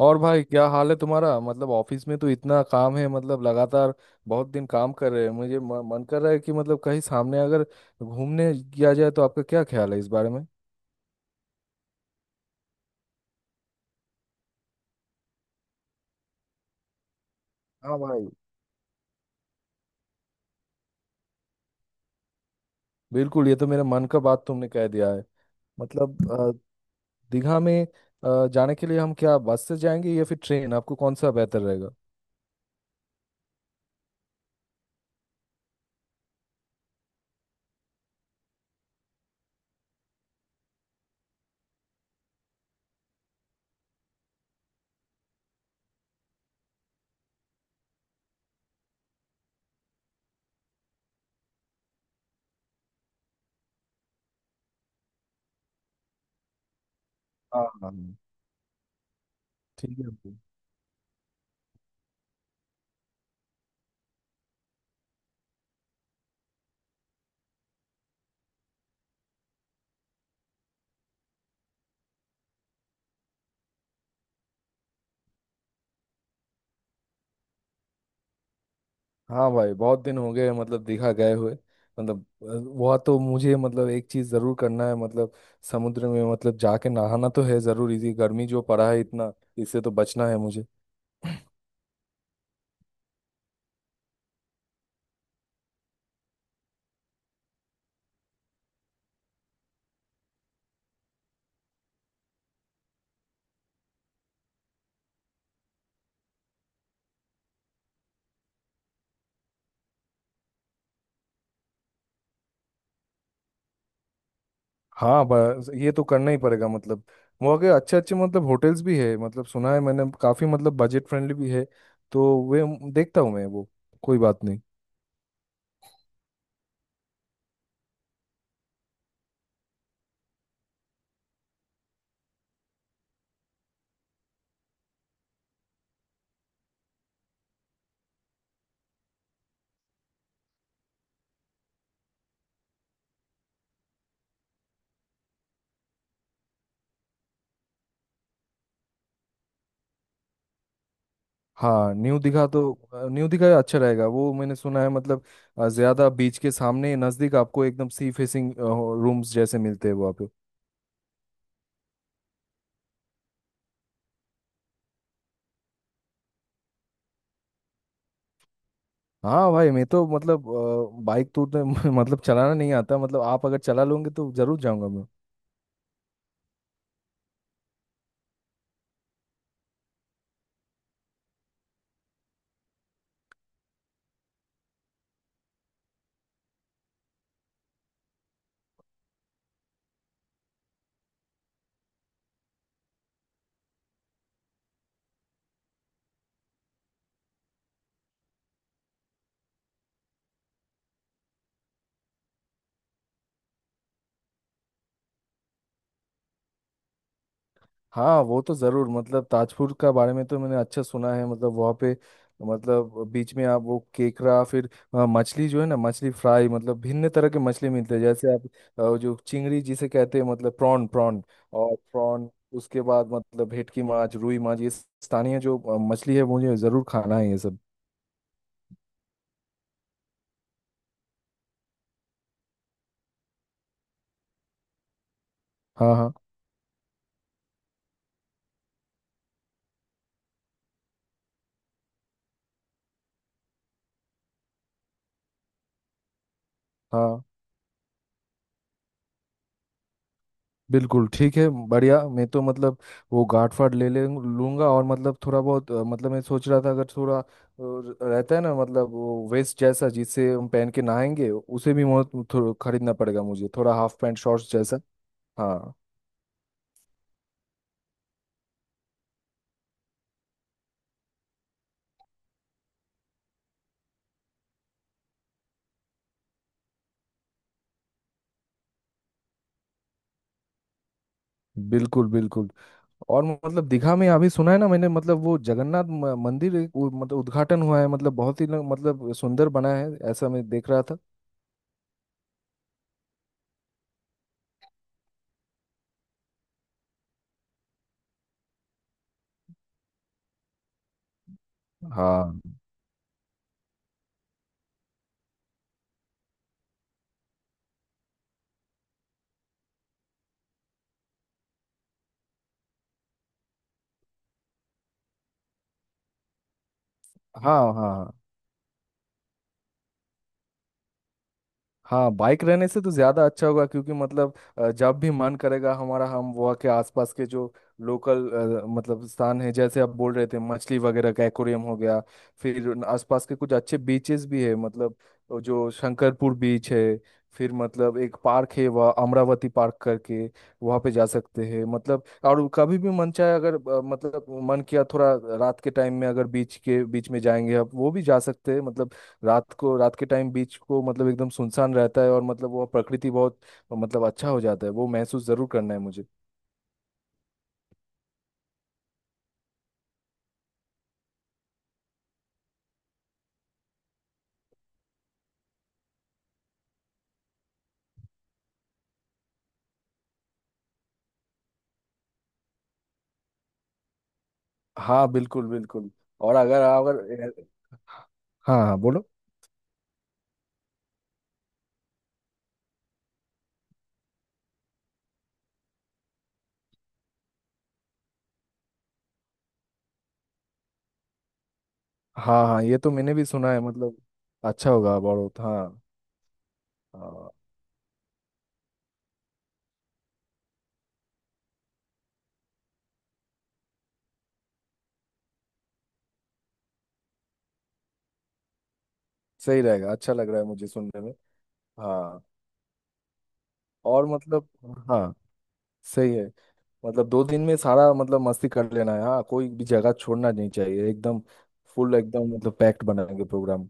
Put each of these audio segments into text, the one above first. और भाई क्या हाल है तुम्हारा? मतलब ऑफिस में तो इतना काम है, मतलब लगातार बहुत दिन काम कर रहे हैं। मुझे मन कर रहा है कि मतलब कहीं सामने अगर घूमने किया जाए, तो आपका क्या ख्याल है इस बारे में? हाँ भाई, बिल्कुल ये तो मेरे मन का बात तुमने कह दिया है। मतलब दीघा में जाने के लिए हम क्या बस से जाएंगे या फिर ट्रेन? आपको कौन सा बेहतर रहेगा? हाँ हाँ हाँ। ठीक है। हाँ भाई, बहुत दिन हो गए मतलब दिखा गए हुए। मतलब वह तो मुझे, मतलब एक चीज जरूर करना है। मतलब समुद्र में मतलब जाके नहाना तो है जरूर। इसी गर्मी जो पड़ा है इतना, इससे तो बचना है मुझे। हाँ, बस ये तो करना ही पड़ेगा। मतलब वहाँ के अच्छे अच्छे मतलब होटल्स भी है, मतलब सुना है मैंने काफी मतलब बजट फ्रेंडली भी है। तो वे देखता हूँ मैं वो। कोई बात नहीं। हाँ, न्यू दिखा तो न्यू दिखा अच्छा रहेगा, वो मैंने सुना है। मतलब ज्यादा बीच के सामने नजदीक आपको एकदम सी फेसिंग रूम्स जैसे मिलते हैं वहाँ पे। हाँ भाई, मैं तो मतलब बाइक तो मतलब चलाना नहीं आता। मतलब आप अगर चला लोगे तो जरूर जाऊंगा मैं। हाँ वो तो ज़रूर, मतलब ताजपुर का बारे में तो मैंने अच्छा सुना है। मतलब वहाँ पे मतलब बीच में आप वो केकड़ा, फिर मछली जो है ना, मछली फ्राई, मतलब भिन्न तरह के मछली मिलते हैं। जैसे आप जो चिंगड़ी जिसे कहते हैं, मतलब प्रॉन प्रॉन और प्रॉन, उसके बाद मतलब भेटकी माछ, रुई माछ, ये स्थानीय जो मछली है, मुझे ज़रूर खाना है ये सब। हाँ हाँ। हाँ बिल्कुल ठीक है, बढ़िया। मैं तो मतलब वो गांठ फाड़ ले ले लूंगा। और मतलब थोड़ा बहुत मतलब मैं सोच रहा था अगर थोड़ा रहता है ना, मतलब वो वेस्ट जैसा जिससे हम पहन के नहाएंगे, उसे भी खरीदना पड़ेगा मुझे, थोड़ा हाफ पैंट शॉर्ट्स जैसा। हाँ बिल्कुल बिल्कुल। और मतलब दिखा में अभी सुना है ना मैंने, मतलब वो जगन्नाथ मंदिर एक वो मतलब उद्घाटन हुआ है, मतलब बहुत ही मतलब सुंदर बना है, ऐसा मैं देख रहा था। हाँ। हाँ हाँ। हाँ बाइक रहने से तो ज़्यादा अच्छा होगा, क्योंकि मतलब जब भी मन करेगा हमारा, हम वहाँ के आसपास के जो लोकल मतलब स्थान है, जैसे आप बोल रहे थे मछली वगैरह का एक्वेरियम हो गया, फिर उन आसपास के कुछ अच्छे बीचेस भी है। मतलब वो जो शंकरपुर बीच है, फिर मतलब एक पार्क है वह अमरावती पार्क करके, वहाँ पे जा सकते हैं। मतलब और कभी भी मन चाहे अगर, मतलब मन किया थोड़ा रात के टाइम में अगर बीच के बीच में जाएंगे आप, वो भी जा सकते हैं। मतलब रात को, रात के टाइम बीच को मतलब एकदम सुनसान रहता है और मतलब वो प्रकृति बहुत मतलब अच्छा हो जाता है। वो महसूस जरूर करना है मुझे। हाँ बिल्कुल बिल्कुल। और अगर अगर। हाँ हाँ बोलो। हाँ हाँ, ये तो मैंने भी सुना है मतलब अच्छा होगा बहुत। हाँ। हाँ सही रहेगा, अच्छा लग रहा है मुझे सुनने में। हाँ। और मतलब, हाँ सही है। मतलब दो दिन में सारा मतलब मस्ती कर लेना है। हाँ, कोई भी जगह छोड़ना नहीं चाहिए एकदम। फुल एकदम मतलब पैक्ड बनाएंगे प्रोग्राम।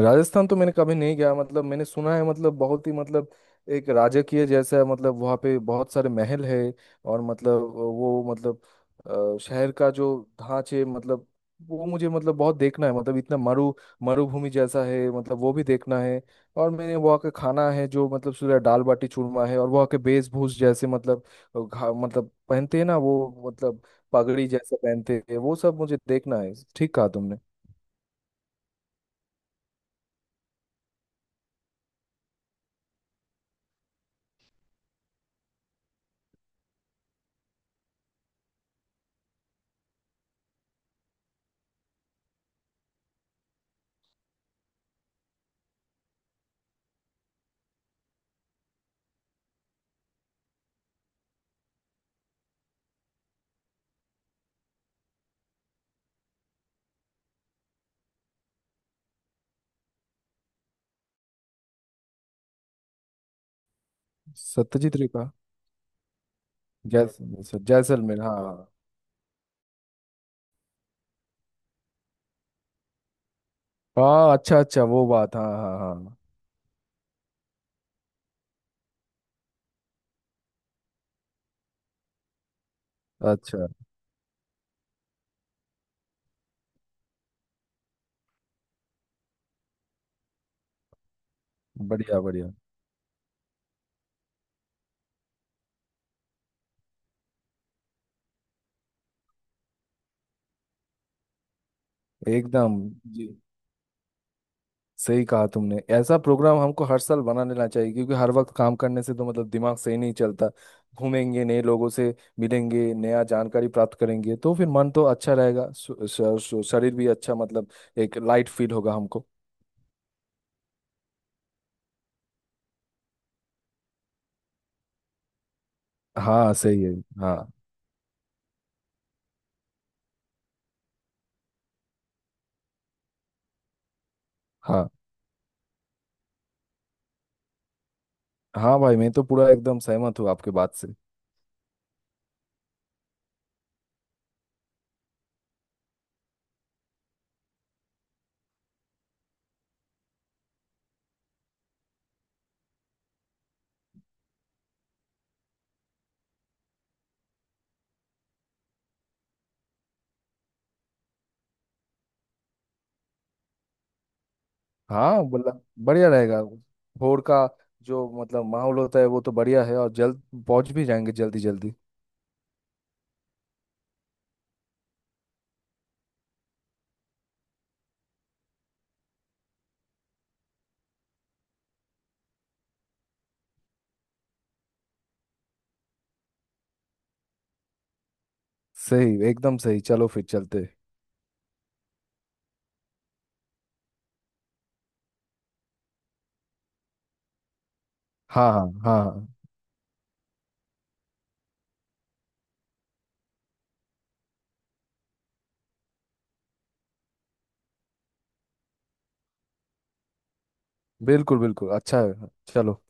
राजस्थान तो मैंने कभी नहीं गया। मतलब मैंने सुना है मतलब बहुत ही मतलब एक राजकीय जैसा है, मतलब वहाँ पे बहुत सारे महल है और मतलब वो मतलब शहर का जो ढांचे मतलब वो मुझे मतलब बहुत देखना है। मतलब इतना मरुभूमि जैसा है, मतलब वो भी देखना है। और मैंने वहाँ का खाना है जो, मतलब सूर्य दाल बाटी चूरमा है, और वहाँ के वेशभूष जैसे मतलब मतलब पहनते हैं ना वो, मतलब पगड़ी जैसा पहनते हैं, वो सब मुझे देखना है। ठीक कहा तुमने। सत्यजीत रे कहा। जैसलमेर जैसलमेर, हाँ हाँ हाँ। हाँ, अच्छा अच्छा वो बात। हाँ हाँ हाँ। हाँ। अच्छा। बढ़िया बढ़िया। एकदम। जी, सही कहा तुमने। ऐसा प्रोग्राम हमको हर साल बना लेना चाहिए, क्योंकि हर वक्त काम करने से तो मतलब दिमाग सही नहीं चलता। घूमेंगे, नए लोगों से मिलेंगे, नया जानकारी प्राप्त करेंगे, तो फिर मन तो अच्छा रहेगा, शरीर भी अच्छा मतलब एक लाइट फील होगा हमको। हाँ सही है। हाँ। हाँ हाँ भाई, मैं तो पूरा एकदम सहमत हूँ आपके बात से। हाँ, मतलब बढ़िया रहेगा। भोर का जो मतलब माहौल होता है, वो तो बढ़िया है, और जल्द पहुंच भी जाएंगे जल्दी जल्दी। सही, एकदम सही, चलो फिर चलते। हाँ हाँ। हाँ हाँ बिल्कुल बिल्कुल अच्छा है, चलो।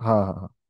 हाँ हाँ।